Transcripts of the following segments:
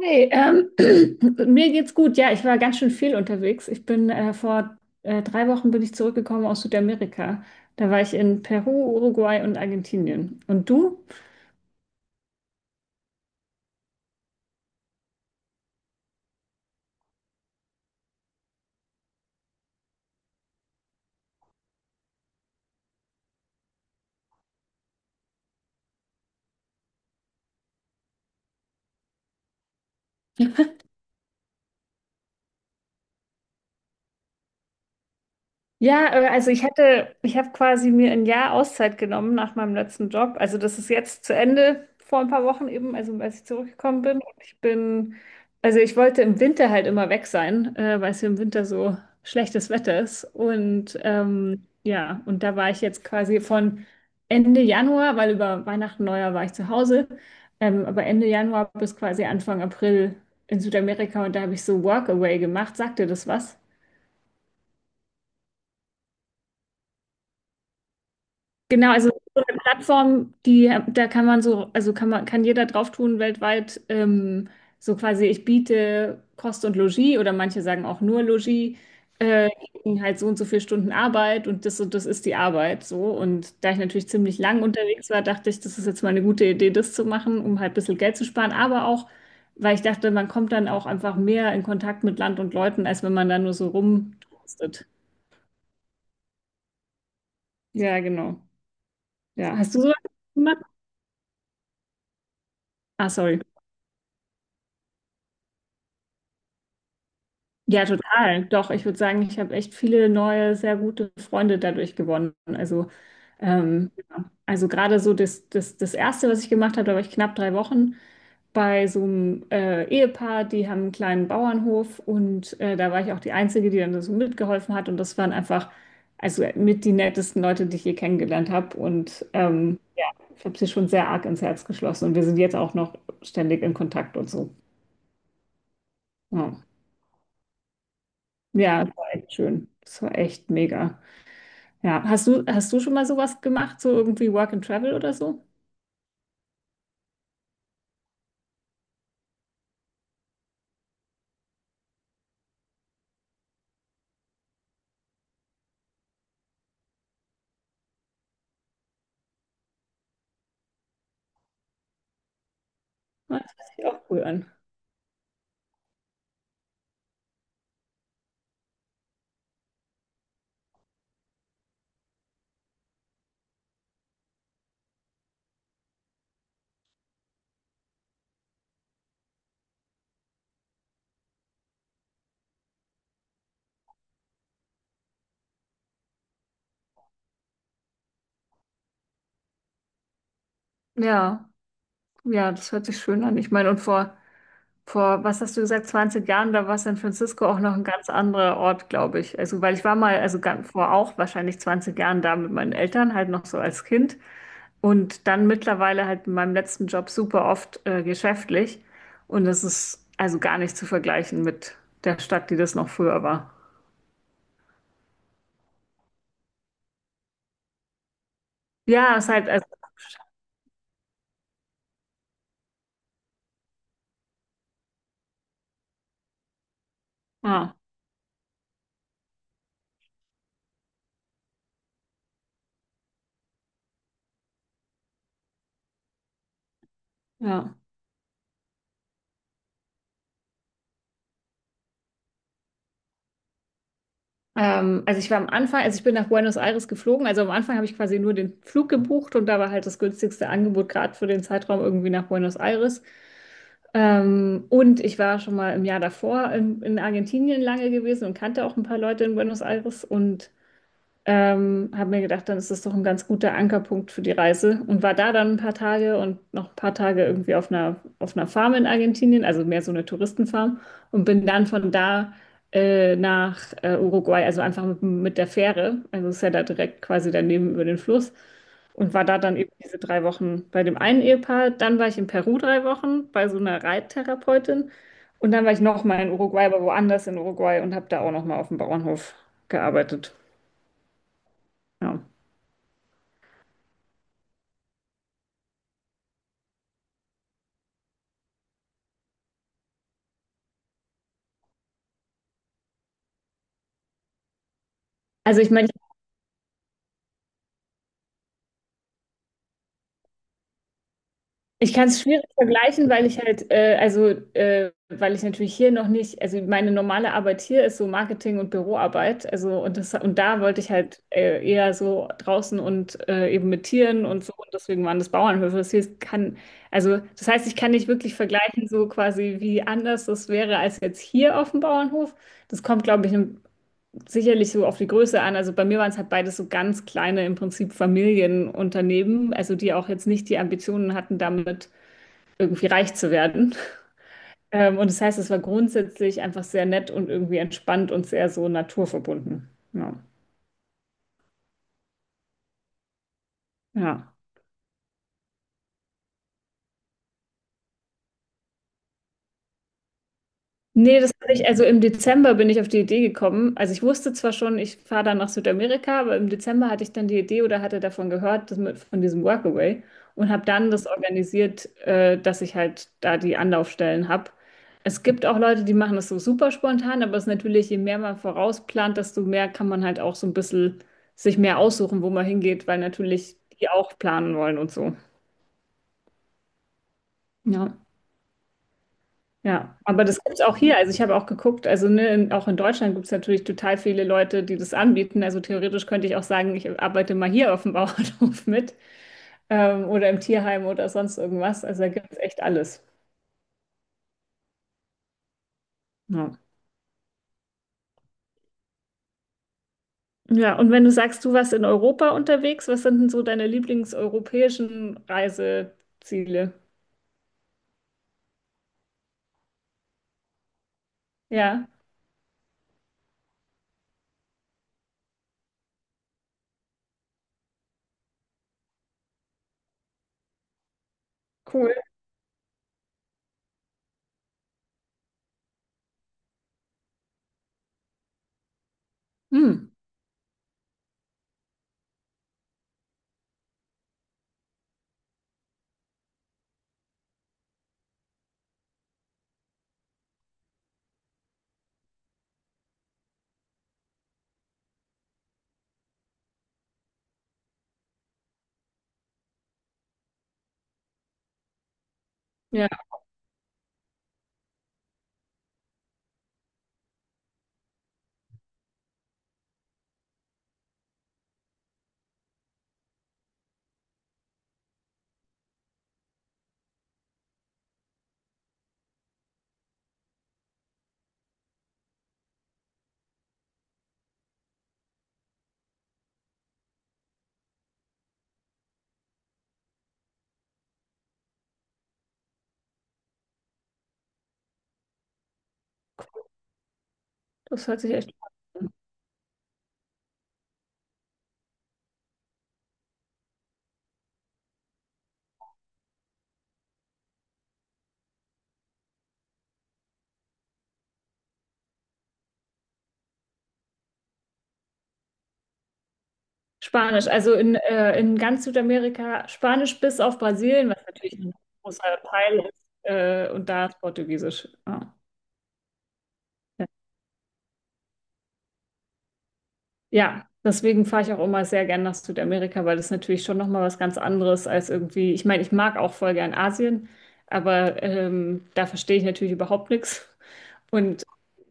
Hey, mir geht's gut. Ja, ich war ganz schön viel unterwegs. Ich bin vor 3 Wochen bin ich zurückgekommen aus Südamerika. Da war ich in Peru, Uruguay und Argentinien. Und du? Ja, also ich habe quasi mir ein Jahr Auszeit genommen nach meinem letzten Job. Also das ist jetzt zu Ende vor ein paar Wochen eben, also als ich zurückgekommen bin. Also ich wollte im Winter halt immer weg sein, weil es hier im Winter so schlechtes Wetter ist. Und ja, und da war ich jetzt quasi von Ende Januar, weil über Weihnachten, Neujahr war ich zu Hause, aber Ende Januar bis quasi Anfang April in Südamerika und da habe ich so Workaway gemacht. Sagt dir das was? Genau, also so eine Plattform, die, da kann man so, also kann man, kann jeder drauf tun weltweit, so quasi, ich biete Kost und Logis oder manche sagen auch nur Logis, gegen halt so und so viele Stunden Arbeit und das ist die Arbeit so. Und da ich natürlich ziemlich lang unterwegs war, dachte ich, das ist jetzt mal eine gute Idee, das zu machen, um halt ein bisschen Geld zu sparen, aber auch, weil ich dachte, man kommt dann auch einfach mehr in Kontakt mit Land und Leuten, als wenn man da nur so rumtrostet. Ja, genau. Ja, hast du sowas gemacht? Ah, sorry. Ja, total. Doch, ich würde sagen, ich habe echt viele neue, sehr gute Freunde dadurch gewonnen. Also, ja. Also gerade so das Erste, was ich gemacht habe, da war ich knapp 3 Wochen bei so einem Ehepaar, die haben einen kleinen Bauernhof und da war ich auch die Einzige, die dann so mitgeholfen hat und das waren einfach, also mit die nettesten Leute, die ich je kennengelernt habe und ja, ich habe sie schon sehr arg ins Herz geschlossen und wir sind jetzt auch noch ständig in Kontakt und so. Ja. Ja, das war echt schön. Das war echt mega. Ja, hast du schon mal sowas gemacht, so irgendwie Work and Travel oder so? Ja, das hört sich auch cool an. Ja, ja, das hört sich schön an. Ich meine, und vor, was hast du gesagt, 20 Jahren, da war San Francisco auch noch ein ganz anderer Ort, glaube ich. Also, weil ich war mal, also ganz, vor auch wahrscheinlich 20 Jahren da mit meinen Eltern, halt noch so als Kind. Und dann mittlerweile halt in meinem letzten Job super oft geschäftlich. Und das ist also gar nicht zu vergleichen mit der Stadt, die das noch früher war. Ja, es ist halt, also, ah, ja. Also ich war am Anfang, also ich bin nach Buenos Aires geflogen, also am Anfang habe ich quasi nur den Flug gebucht und da war halt das günstigste Angebot gerade für den Zeitraum irgendwie nach Buenos Aires. Und ich war schon mal im Jahr davor in Argentinien lange gewesen und kannte auch ein paar Leute in Buenos Aires und habe mir gedacht, dann ist das doch ein ganz guter Ankerpunkt für die Reise und war da dann ein paar Tage und noch ein paar Tage irgendwie auf einer, Farm in Argentinien, also mehr so eine Touristenfarm und bin dann von da nach Uruguay, also einfach mit der Fähre, also ist ja da direkt quasi daneben über den Fluss und war da dann eben diese 3 Wochen bei dem einen Ehepaar, dann war ich in Peru 3 Wochen bei so einer Reittherapeutin und dann war ich nochmal in Uruguay, aber woanders in Uruguay und habe da auch nochmal auf dem Bauernhof gearbeitet. Ja. Also ich meine, ich kann es schwierig vergleichen, weil ich halt, also weil ich natürlich hier noch nicht, also meine normale Arbeit hier ist so Marketing und Büroarbeit, also und das und da wollte ich halt eher so draußen und eben mit Tieren und so und deswegen waren das Bauernhöfe. Das hier kann, also das heißt, ich kann nicht wirklich vergleichen, so quasi wie anders das wäre als jetzt hier auf dem Bauernhof. Das kommt, glaube ich, ein sicherlich so auf die Größe an. Also bei mir waren es halt beides so ganz kleine, im Prinzip Familienunternehmen, also die auch jetzt nicht die Ambitionen hatten, damit irgendwie reich zu werden. Und das heißt, es war grundsätzlich einfach sehr nett und irgendwie entspannt und sehr so naturverbunden. Ja. Ja. Nee, das hatte ich, also im Dezember bin ich auf die Idee gekommen. Also ich wusste zwar schon, ich fahre dann nach Südamerika, aber im Dezember hatte ich dann die Idee oder hatte davon gehört, dass mit, von diesem Workaway und habe dann das organisiert, dass ich halt da die Anlaufstellen habe. Es gibt auch Leute, die machen das so super spontan, aber es ist natürlich, je mehr man vorausplant, desto mehr kann man halt auch so ein bisschen sich mehr aussuchen, wo man hingeht, weil natürlich die auch planen wollen und so. Ja. Ja, aber das gibt's auch hier. Also ich habe auch geguckt, also ne, in, auch in Deutschland gibt's natürlich total viele Leute, die das anbieten. Also theoretisch könnte ich auch sagen, ich arbeite mal hier auf dem Bauernhof mit, oder im Tierheim oder sonst irgendwas. Also da gibt's echt alles. Ja. Ja, und wenn du sagst, du warst in Europa unterwegs, was sind denn so deine lieblingseuropäischen Reiseziele? Ja, cool. Hm. Ja, das hört sich echt an. Spanisch, also in ganz Südamerika Spanisch bis auf Brasilien, was natürlich ein großer Teil ist, und da ist Portugiesisch. Ja, ja deswegen fahre ich auch immer sehr gern nach Südamerika, weil das natürlich schon nochmal was ganz anderes als irgendwie, ich meine, ich mag auch voll gern Asien, aber da verstehe ich natürlich überhaupt nichts. Und,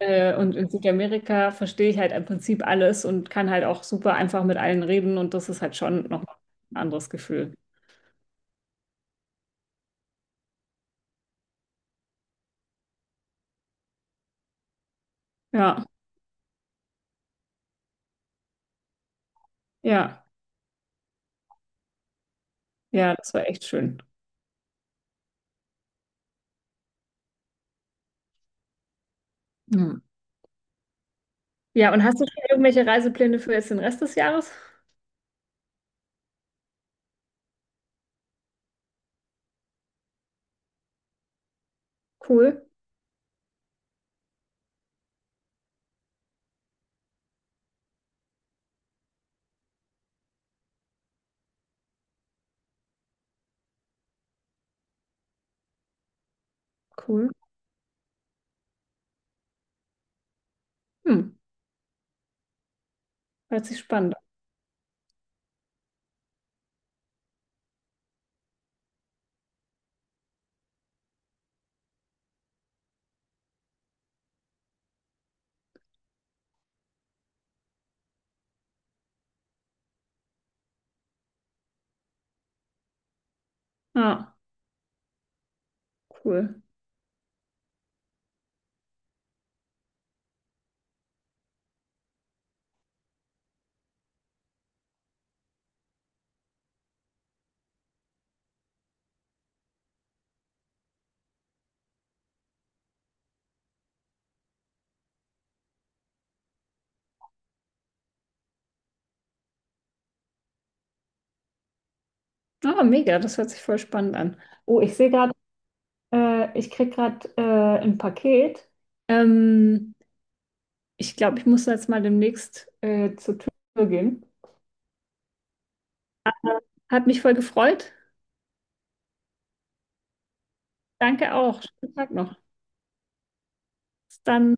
und in Südamerika verstehe ich halt im Prinzip alles und kann halt auch super einfach mit allen reden und das ist halt schon nochmal ein anderes Gefühl. Ja, ja. Ja, das war echt schön. Hm. Ja, und hast du schon irgendwelche Reisepläne für jetzt den Rest des Jahres? Cool, cool. Hm, hört sich spannend an. Ah, cool. Ah, mega, das hört sich voll spannend an. Oh, ich sehe gerade, ich kriege gerade ein Paket. Ähm, ich glaube, ich muss jetzt mal demnächst zur Tür gehen. Hat mich voll gefreut. Danke auch. Schönen Tag noch. Bis dann.